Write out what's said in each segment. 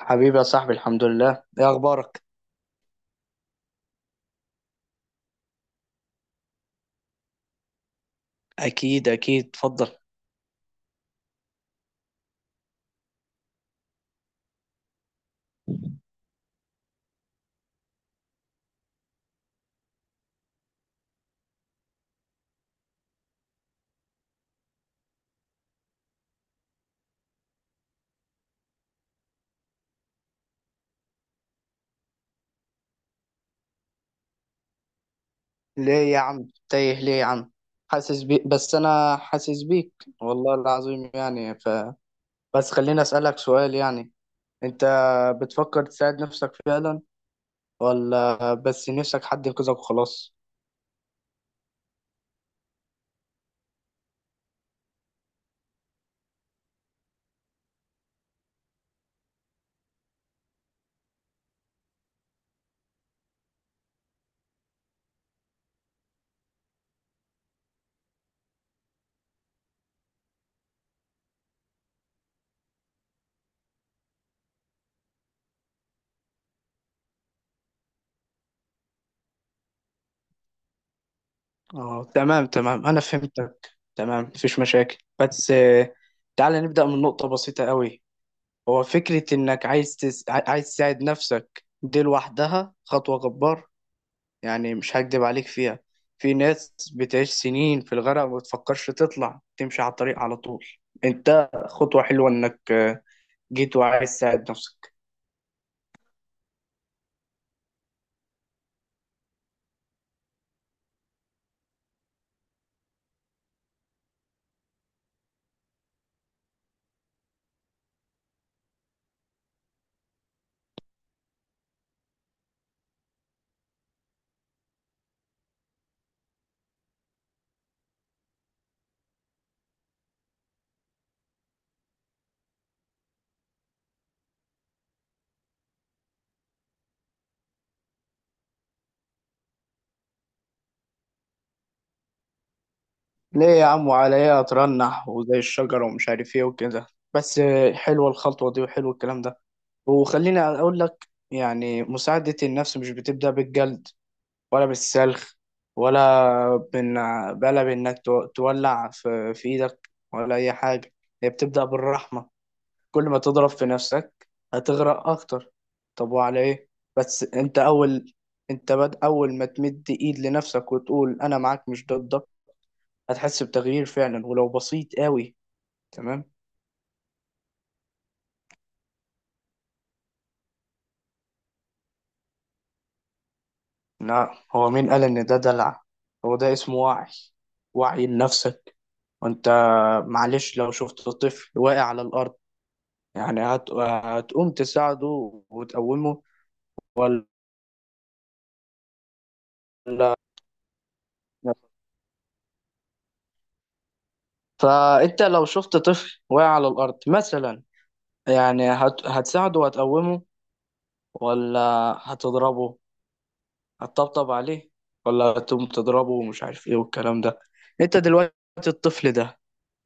حبيبي يا صاحبي، الحمد لله. ايه اخبارك؟ اكيد اكيد، اتفضل. ليه يا عم تايه؟ ليه يا عم؟ حاسس بيك، بس انا حاسس بيك والله العظيم. يعني ف بس خليني اسالك سؤال يعني. انت بتفكر تساعد نفسك فعلا، ولا بس نفسك حد ينقذك وخلاص؟ اه تمام تمام، انا فهمتك. تمام، مفيش مشاكل. بس آه، تعالى نبدا من نقطه بسيطه قوي. هو فكره انك عايز تساعد نفسك دي لوحدها خطوه جبارة. يعني مش هكدب عليك فيها. في ناس بتعيش سنين في الغرق وما بتفكرش تطلع تمشي على الطريق على طول. انت خطوة حلوة انك جيت وعايز تساعد نفسك. ليه يا عم؟ وعلى ايه اترنح وزي الشجرة ومش عارف ايه وكده؟ بس آه، حلوة الخطوة دي وحلو الكلام ده. وخليني اقول لك، يعني مساعدة النفس مش بتبدأ بالجلد، ولا بالسلخ، ولا بإن بلا بإنك تولع في إيدك ولا أي حاجة. هي بتبدأ بالرحمة. كل ما تضرب في نفسك هتغرق اكتر. طب وعلى ايه؟ بس انت اول انت اول ما تمد ايد لنفسك وتقول انا معاك مش ضدك، هتحس بتغيير فعلا ولو بسيط قوي. تمام؟ لا، هو مين قال ان ده دلع؟ هو ده اسمه وعي، وعي لنفسك. وانت معلش، لو شفت طفل واقع على الارض، يعني هتقوم تساعده وتقومه ولا؟ فانت لو شفت طفل واقع على الارض مثلا، يعني هتساعده وهتقومه ولا هتضربه؟ هتطبطب عليه، ولا هتقوم تضربه ومش عارف ايه والكلام ده؟ انت دلوقتي الطفل ده،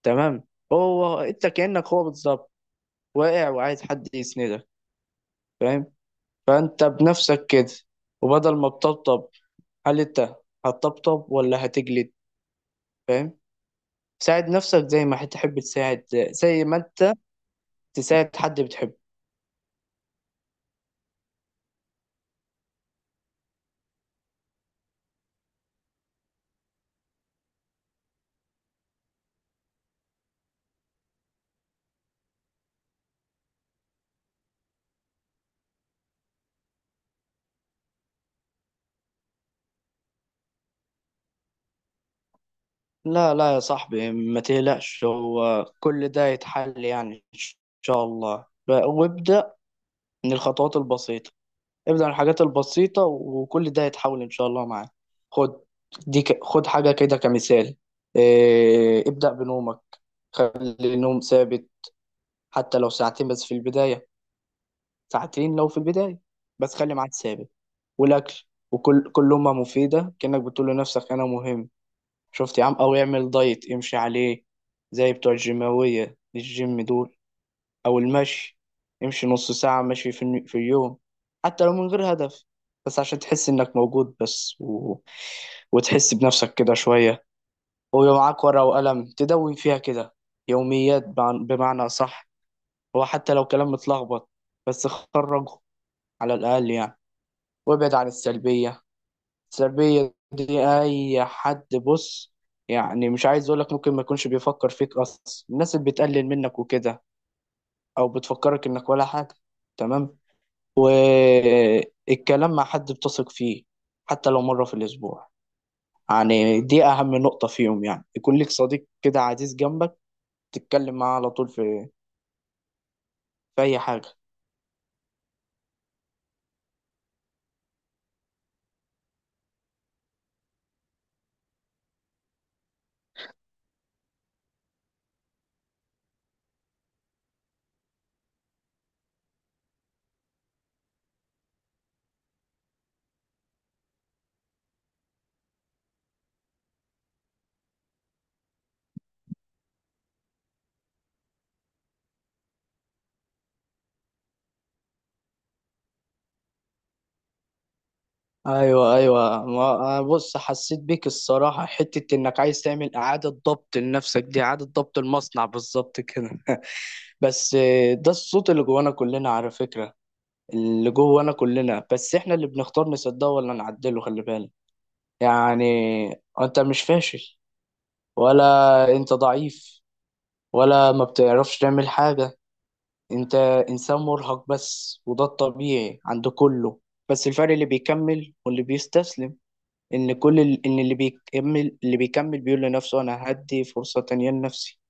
تمام؟ هو انت كأنك هو بالظبط، واقع وعايز حد يسندك، فاهم؟ فانت بنفسك كده، وبدل ما تطبطب، هل انت هتطبطب ولا هتجلد؟ فاهم؟ ساعد نفسك زي ما هتحب تساعد، زي ما انت تساعد حد بتحبه. لا لا يا صاحبي، ما تقلقش، هو كل ده يتحل يعني إن شاء الله. وابدأ من الخطوات البسيطة، ابدأ من الحاجات البسيطة، وكل ده يتحول إن شاء الله معاك. خد، خد حاجة كده كمثال. ابدأ بنومك. خلي النوم ثابت، حتى لو ساعتين بس في البداية. ساعتين لو في البداية، بس خلي ميعاد ثابت. والأكل، وكل لقمة مفيدة كأنك بتقول لنفسك أنا مهم. شفت يا عم؟ او يعمل دايت يمشي عليه، زي بتوع الجيماوية، الجيم دول. او المشي، يمشي نص ساعة مشي في اليوم، حتى لو من غير هدف، بس عشان تحس انك موجود بس، وتحس بنفسك كده شوية. ويبقى معاك ورقة وقلم تدون فيها كده يوميات، بمعنى صح. هو حتى لو كلام متلخبط، بس خرجه، على الأقل يعني. وابعد عن السلبية. سلبية دي أي حد، بص، يعني مش عايز أقولك ممكن ما يكونش بيفكر فيك أصلا، الناس اللي بتقلل منك وكده، أو بتفكرك إنك ولا حاجة. تمام؟ آه، الكلام مع حد بتثق فيه، حتى لو مرة في الأسبوع. يعني دي أهم نقطة فيهم، يعني يكون لك صديق كده عزيز جنبك، تتكلم معاه على طول في في أي حاجة. ايوه ايوه، بص، حسيت بيك الصراحه، حته انك عايز تعمل اعاده ضبط لنفسك، دي اعاده ضبط المصنع بالظبط كده. بس آه، ده الصوت اللي جوانا كلنا على فكره، اللي جوانا كلنا، بس احنا اللي بنختار نصدقه ولا نعدله. خلي بالك يعني، انت مش فاشل، ولا انت ضعيف، ولا ما بتعرفش تعمل حاجه. انت انسان مرهق بس، وده الطبيعي عند كله. بس الفرق اللي بيكمل واللي بيستسلم، ان اللي بيكمل بيقول لنفسه انا هدي فرصة تانية لنفسي.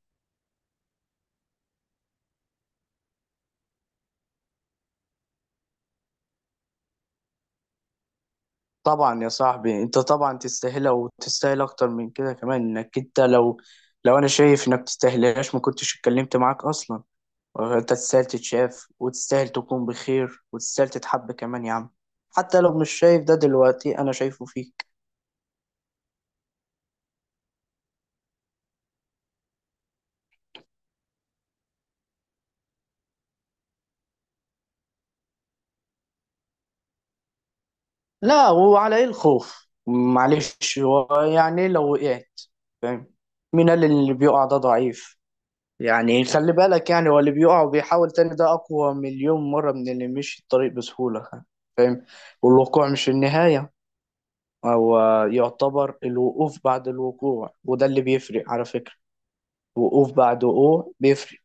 طبعا يا صاحبي انت طبعا تستاهلها، وتستاهل اكتر من كده كمان. انك انت لو لو انا شايف انك تستاهلهاش ما كنتش اتكلمت معاك اصلا. انت تستاهل تتشاف، وتستاهل تكون بخير، وتستاهل تتحب كمان يا عم. حتى لو مش شايف ده دلوقتي، انا شايفه فيك. لا، وعلى ايه الخوف؟ معلش، هو يعني لو وقعت، فاهم، مين قال إن اللي بيقع ده ضعيف؟ يعني خلي بالك، يعني هو اللي بيقع وبيحاول تاني ده أقوى مليون مرة من اللي مشي الطريق بسهولة، فاهم؟ والوقوع مش النهاية، هو يعتبر الوقوف بعد الوقوع، وده اللي بيفرق على فكرة. وقوف بعد وقوع بيفرق.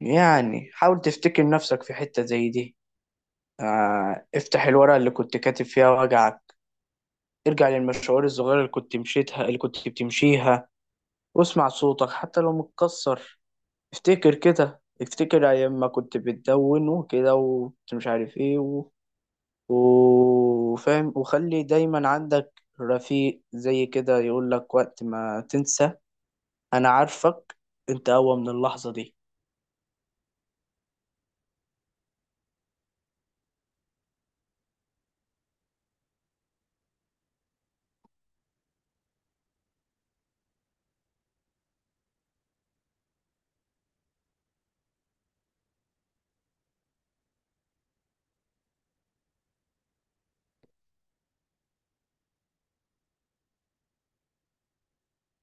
يعني حاول تفتكر نفسك في حتة زي دي. آه، افتح الورقة اللي كنت كاتب فيها وجعك. ارجع للمشوار الصغيرة اللي كنت مشيتها اللي كنت بتمشيها، واسمع صوتك حتى لو متكسر. افتكر كده، افتكر ايام ما كنت بتدون وكده، وكنت مش عارف وفاهم. وخلي دايما عندك رفيق زي كده يقول لك وقت ما تنسى: انا عارفك، انت اقوى من اللحظة دي.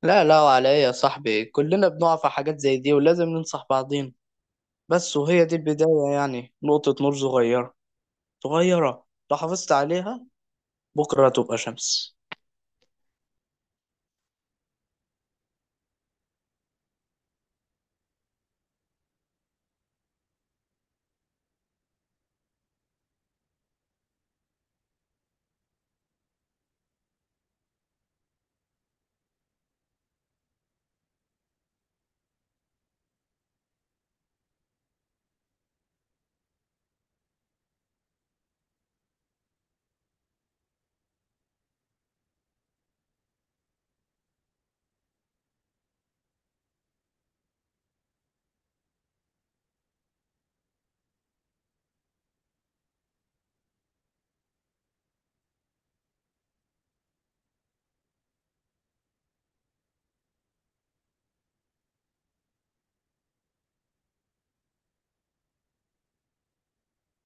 لا لا، وعلى ايه يا صاحبي؟ كلنا بنقع في حاجات زي دي، ولازم ننصح بعضين. بس وهي دي البداية، يعني نقطة نور صغيرة، صغيرة لو حافظت عليها بكرة تبقى شمس.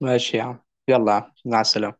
ماشي يا عم، يلا يا عم، مع السلامة.